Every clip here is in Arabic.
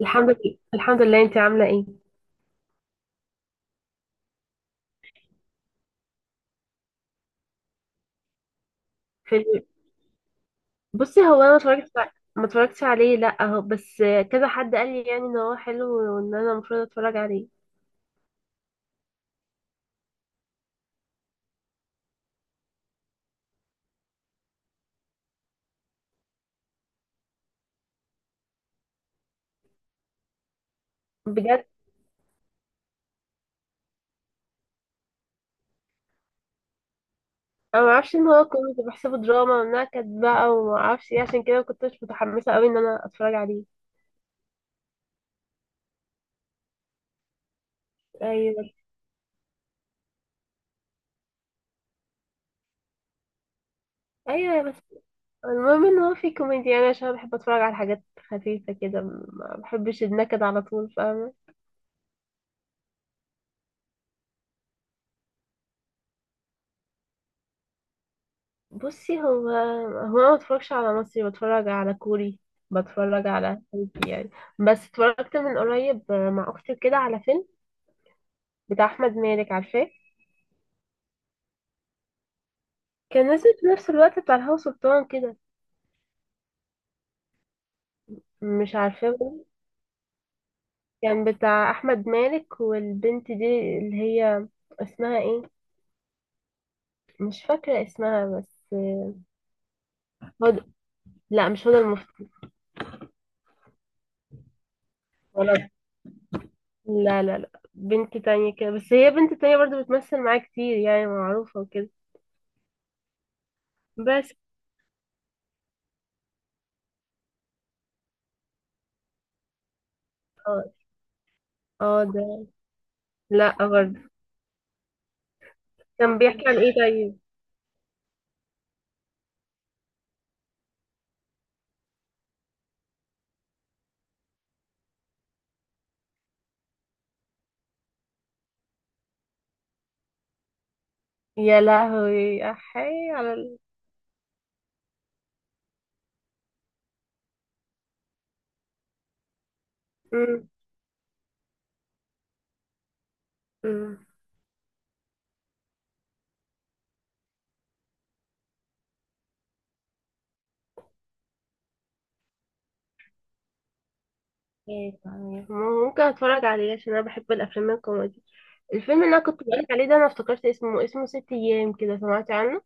الحمد لله، انت عامله ايه؟ فيلم. بصي، هو انا ما اتفرجتش عليه لا، اهو بس كذا حد قال لي يعني ان هو حلو وان انا المفروض اتفرج عليه بجد. انا ما اعرفش ان هو كوميدي، بحسبه دراما وانها كانت بقى وما اعرفش ايه، عشان كده ما كنتش متحمسه قوي ان انا اتفرج عليه. ايوه بس. ايوه بس المهم ان هو في كوميديا يعني، عشان انا بحب اتفرج على حاجات خفيفه كده، ما بحبش النكد على طول، فاهمه؟ بصي، هو انا ما بتفرجش على مصري، بتفرج على كوري، بتفرج على تركي يعني. بس اتفرجت من قريب مع اختي كده على فيلم بتاع احمد مالك، عارفاه؟ كان نازل في نفس الوقت بتاع الهوا سلطان كده. مش عارفاه برضه. كان بتاع احمد مالك والبنت دي اللي هي اسمها ايه، مش فاكره اسمها بس. هدى. لا، مش هدى المفتي. ولا لا بنت تانية كده، بس هي بنت تانية برضو بتمثل معاه كتير يعني معروفة وكده. بس. اه. اه ده. لا برضه. كان بيحكي عن ايه طيب؟ يا لهوي، احي على ال... مم. مم. إيه طيب، ممكن اتفرج عليه عشان انا بحب الافلام الكوميدي. الفيلم اللي انا كنت بقولك عليه ده انا افتكرت اسمه، اسمه ست ايام كده، سمعتي عنه؟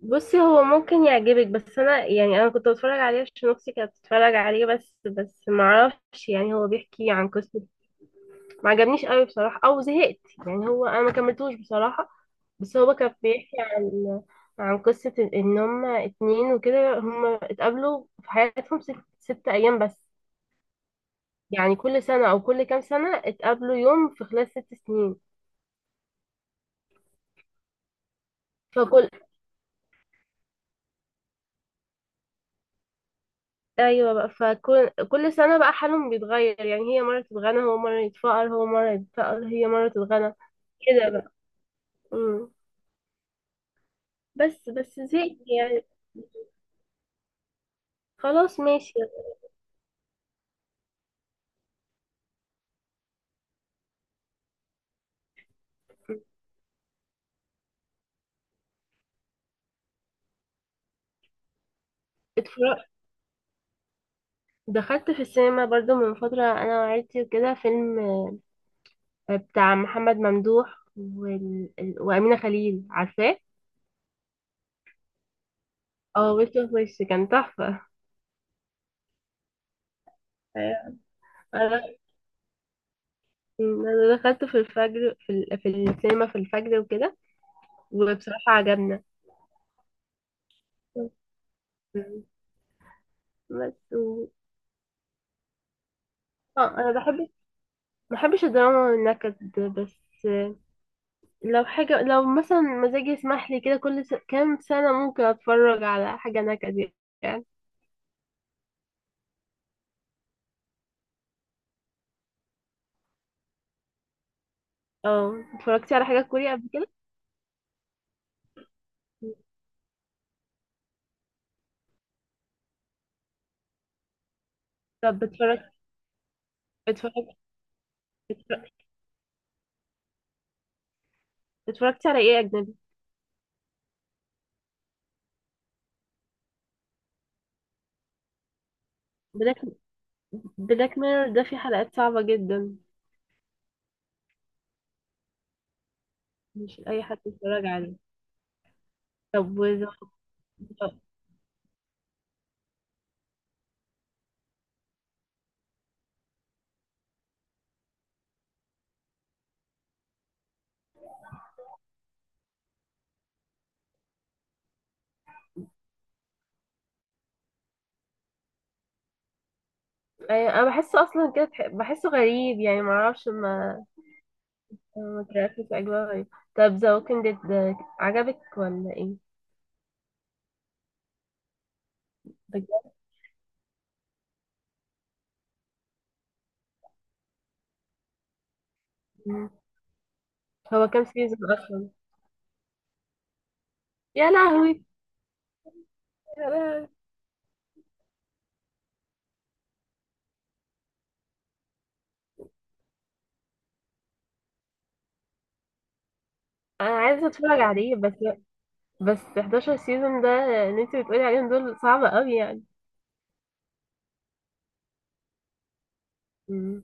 بصي، هو ممكن يعجبك بس انا يعني انا كنت بتفرج عليه عشان اختي كانت بتتفرج عليه بس، معرفش يعني، هو بيحكي عن قصة. ما عجبنيش قوي بصراحة او زهقت يعني، هو انا ما كملتوش بصراحة. بس هو كان بيحكي عن، عن قصة إن هما اتنين وكده هما اتقابلوا في حياتهم ست, ست أيام بس. يعني كل سنة أو كل كام سنة اتقابلوا يوم، في خلال ست سنين. فكل، أيوة بقى فكل سنة بقى حالهم بيتغير، يعني هي مرة تتغنى هو مرة يتفقر، هو مرة يتفقر هي مرة تتغنى كده بقى. مم. بس زهقت يعني. خلاص ماشي. اتفرجت، دخلت في السينما برضو من فترة أنا وعيلتي وكده فيلم بتاع محمد ممدوح وال... ال- وأمينة خليل، عارفاه؟ اه، وش في وش، كان تحفة. أيوة. أنا أنا دخلته في الفجر، في, ال... في السينما في الفجر وكده. وبصراحة عجبنا. بس و... اه أنا بحب، ما بحبش الدراما والنكد، بس لو حاجة، لو مثلا مزاجي يسمح لي كده كل س... كام سنة ممكن أتفرج على حاجة نكد يعني. اه، اتفرجتي على حاجة كوري قبل كده؟ طب بتفرج، بتفرج، بتفرج- اتفرجتي على ايه أجنبي؟ بلاك، بلاك ميرور ده فيه حلقات صعبة جدا، مش أي حد يتفرج عليه. طب وز... أيوة، أنا بحسه أصلا كده تح- بحسه غريب يعني معرفش ما، ما اتركز في أجواء غريب. طب ذا ووكينج ديد ده عجبك ولا إيه؟ بجد؟ هو كام سيزون أصلا؟ يا لهوي. يا لهوي. أنا عايزة أتفرج عليه، بس بس 11 سيزون ده اللي أنت بتقولي عليهم دول صعبة أوي يعني. مم.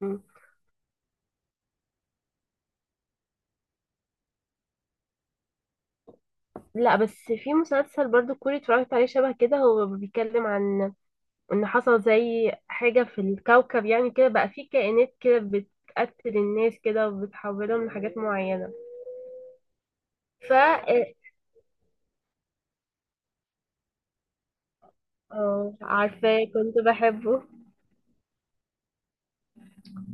مم. لا بس في مسلسل برضو كوري اتفرجت عليه شبه كده، هو بيتكلم عن ان حصل زي حاجة في الكوكب يعني كده، بقى في كائنات كده بتقتل الناس كده وبتحولهم لحاجات معينة. ف، اه عارفاه، كنت بحبه.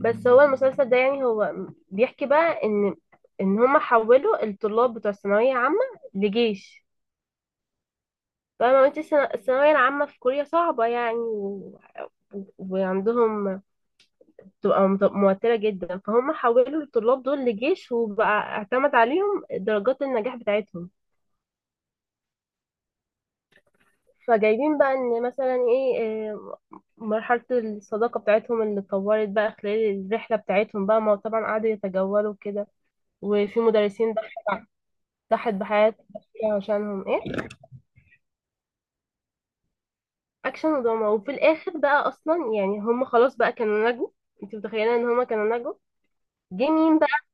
بس هو المسلسل ده يعني، هو بيحكي بقى ان، ان هما حولوا الطلاب بتوع الثانوية عامة لجيش. فاهمة انت؟ الثانوية العامة في كوريا صعبة يعني و... وعندهم بتبقى موترة جدا، فهم حولوا الطلاب دول لجيش وبقى اعتمد عليهم درجات النجاح بتاعتهم. فجايبين بقى ان مثلا ايه، آه، مرحلة الصداقة بتاعتهم اللي اتطورت بقى خلال الرحلة بتاعتهم بقى، ما هو طبعا قعدوا يتجولوا كده، وفي مدرسين ضحت، ضحت بحياة عشانهم ايه. اكشن ودراما، وفي الاخر بقى اصلا يعني هم خلاص بقى كانوا نجوا. انت متخيلة ان هم كانوا نجوا، جه مين بقى؟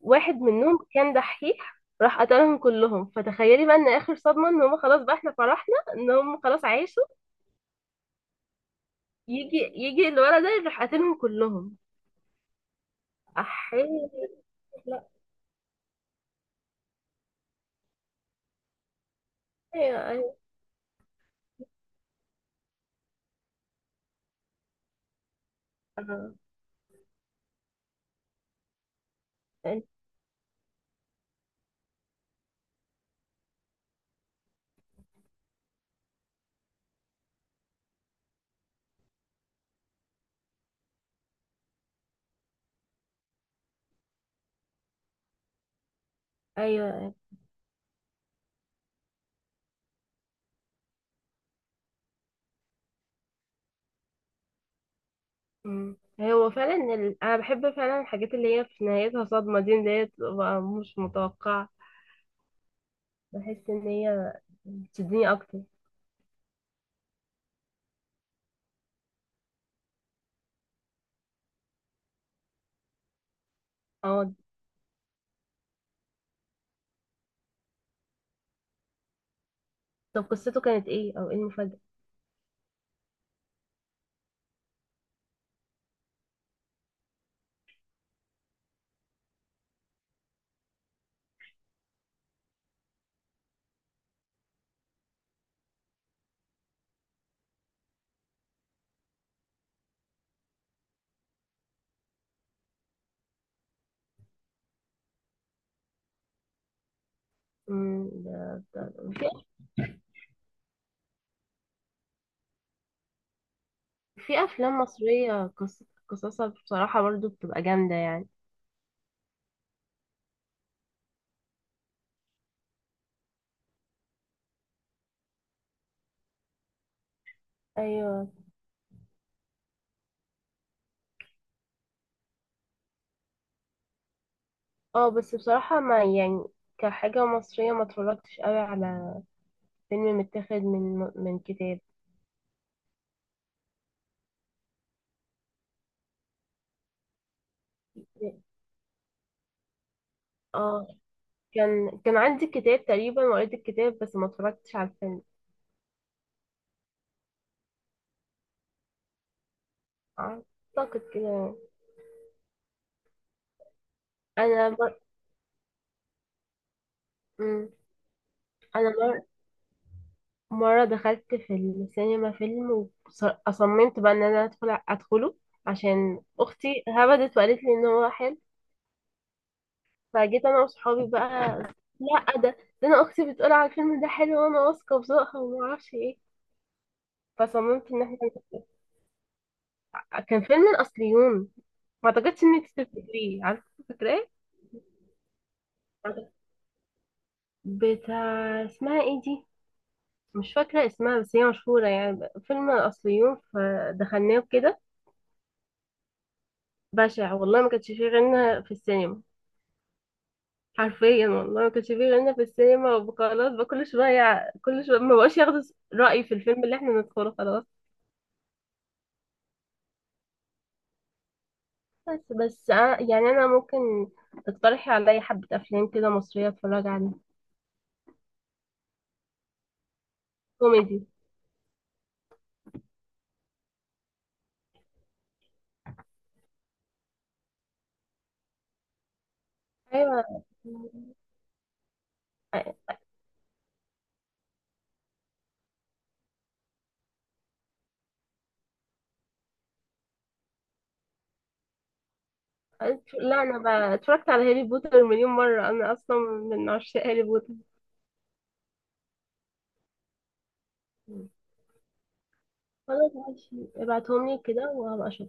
واحد منهم كان دحيح راح قتلهم كلهم. فتخيلي بقى ان اخر صدمة، ان هم خلاص بقى احنا فرحنا ان هم خلاص عاشوا، يجي الولد ده يروح قاتلهم كلهم. احي. لا. ايوه، ايوه. آه، أنت- ايوه. أمم. هو فعلا ال... انا بحب فعلا الحاجات اللي هي في نهايتها صدمه دي، اللي هي بتبقى مش متوقعه. بحس ان هي بتشدني اكتر. اه. طب قصته كانت ايه او ايه المفاجاه؟ أمم، في افلام مصريه قص... قصصها بصراحه برضو بتبقى جامده يعني. ايوه. اه بس بصراحه ما يعني كحاجه مصريه ما اتفرجتش قوي على فيلم متاخد من من كتاب. اه، كان عندي كتاب تقريبا وقريت الكتاب بس ما اتفرجتش على الفيلم. اعتقد كده. انا ب... مم. انا مر... مره دخلت في السينما فيلم، وصممت بقى ان انا ادخل ادخله عشان اختي هبدت وقالت لي ان هو حلو، فجيت انا وصحابي بقى. لا ده، ده انا اختي بتقول على الفيلم ده حلو، وانا واثقه في ذوقها وما اعرفش ايه، فصممت ان احنا. كان فيلم الاصليون، ما اعتقدش انك تفتكريه، عارفه فاكراه؟ بتاع اسمها ايه دي، مش فاكرة اسمها بس هي مشهورة يعني، فيلم الأصليون، فدخلناه كده. بشع والله، ما كانش فيه غيرنا في السينما. حرفيا والله ما كانش فيه غيرنا في السينما، وخلاص بقى كل شوية ما بقاش ياخدوا رأيي في الفيلم اللي احنا ندخله، خلاص. بس أنا يعني، أنا ممكن تقترحي عليا حبة أفلام كده مصرية أتفرج عليها. كوميدي. أيوة. لا أنا بقى اتفرجت على هاري بوتر مليون مرة، أنا أصلا من عشاق هاري بوتر. خلاص ماشي، ابعتهم لي كده وهبقى اشوف.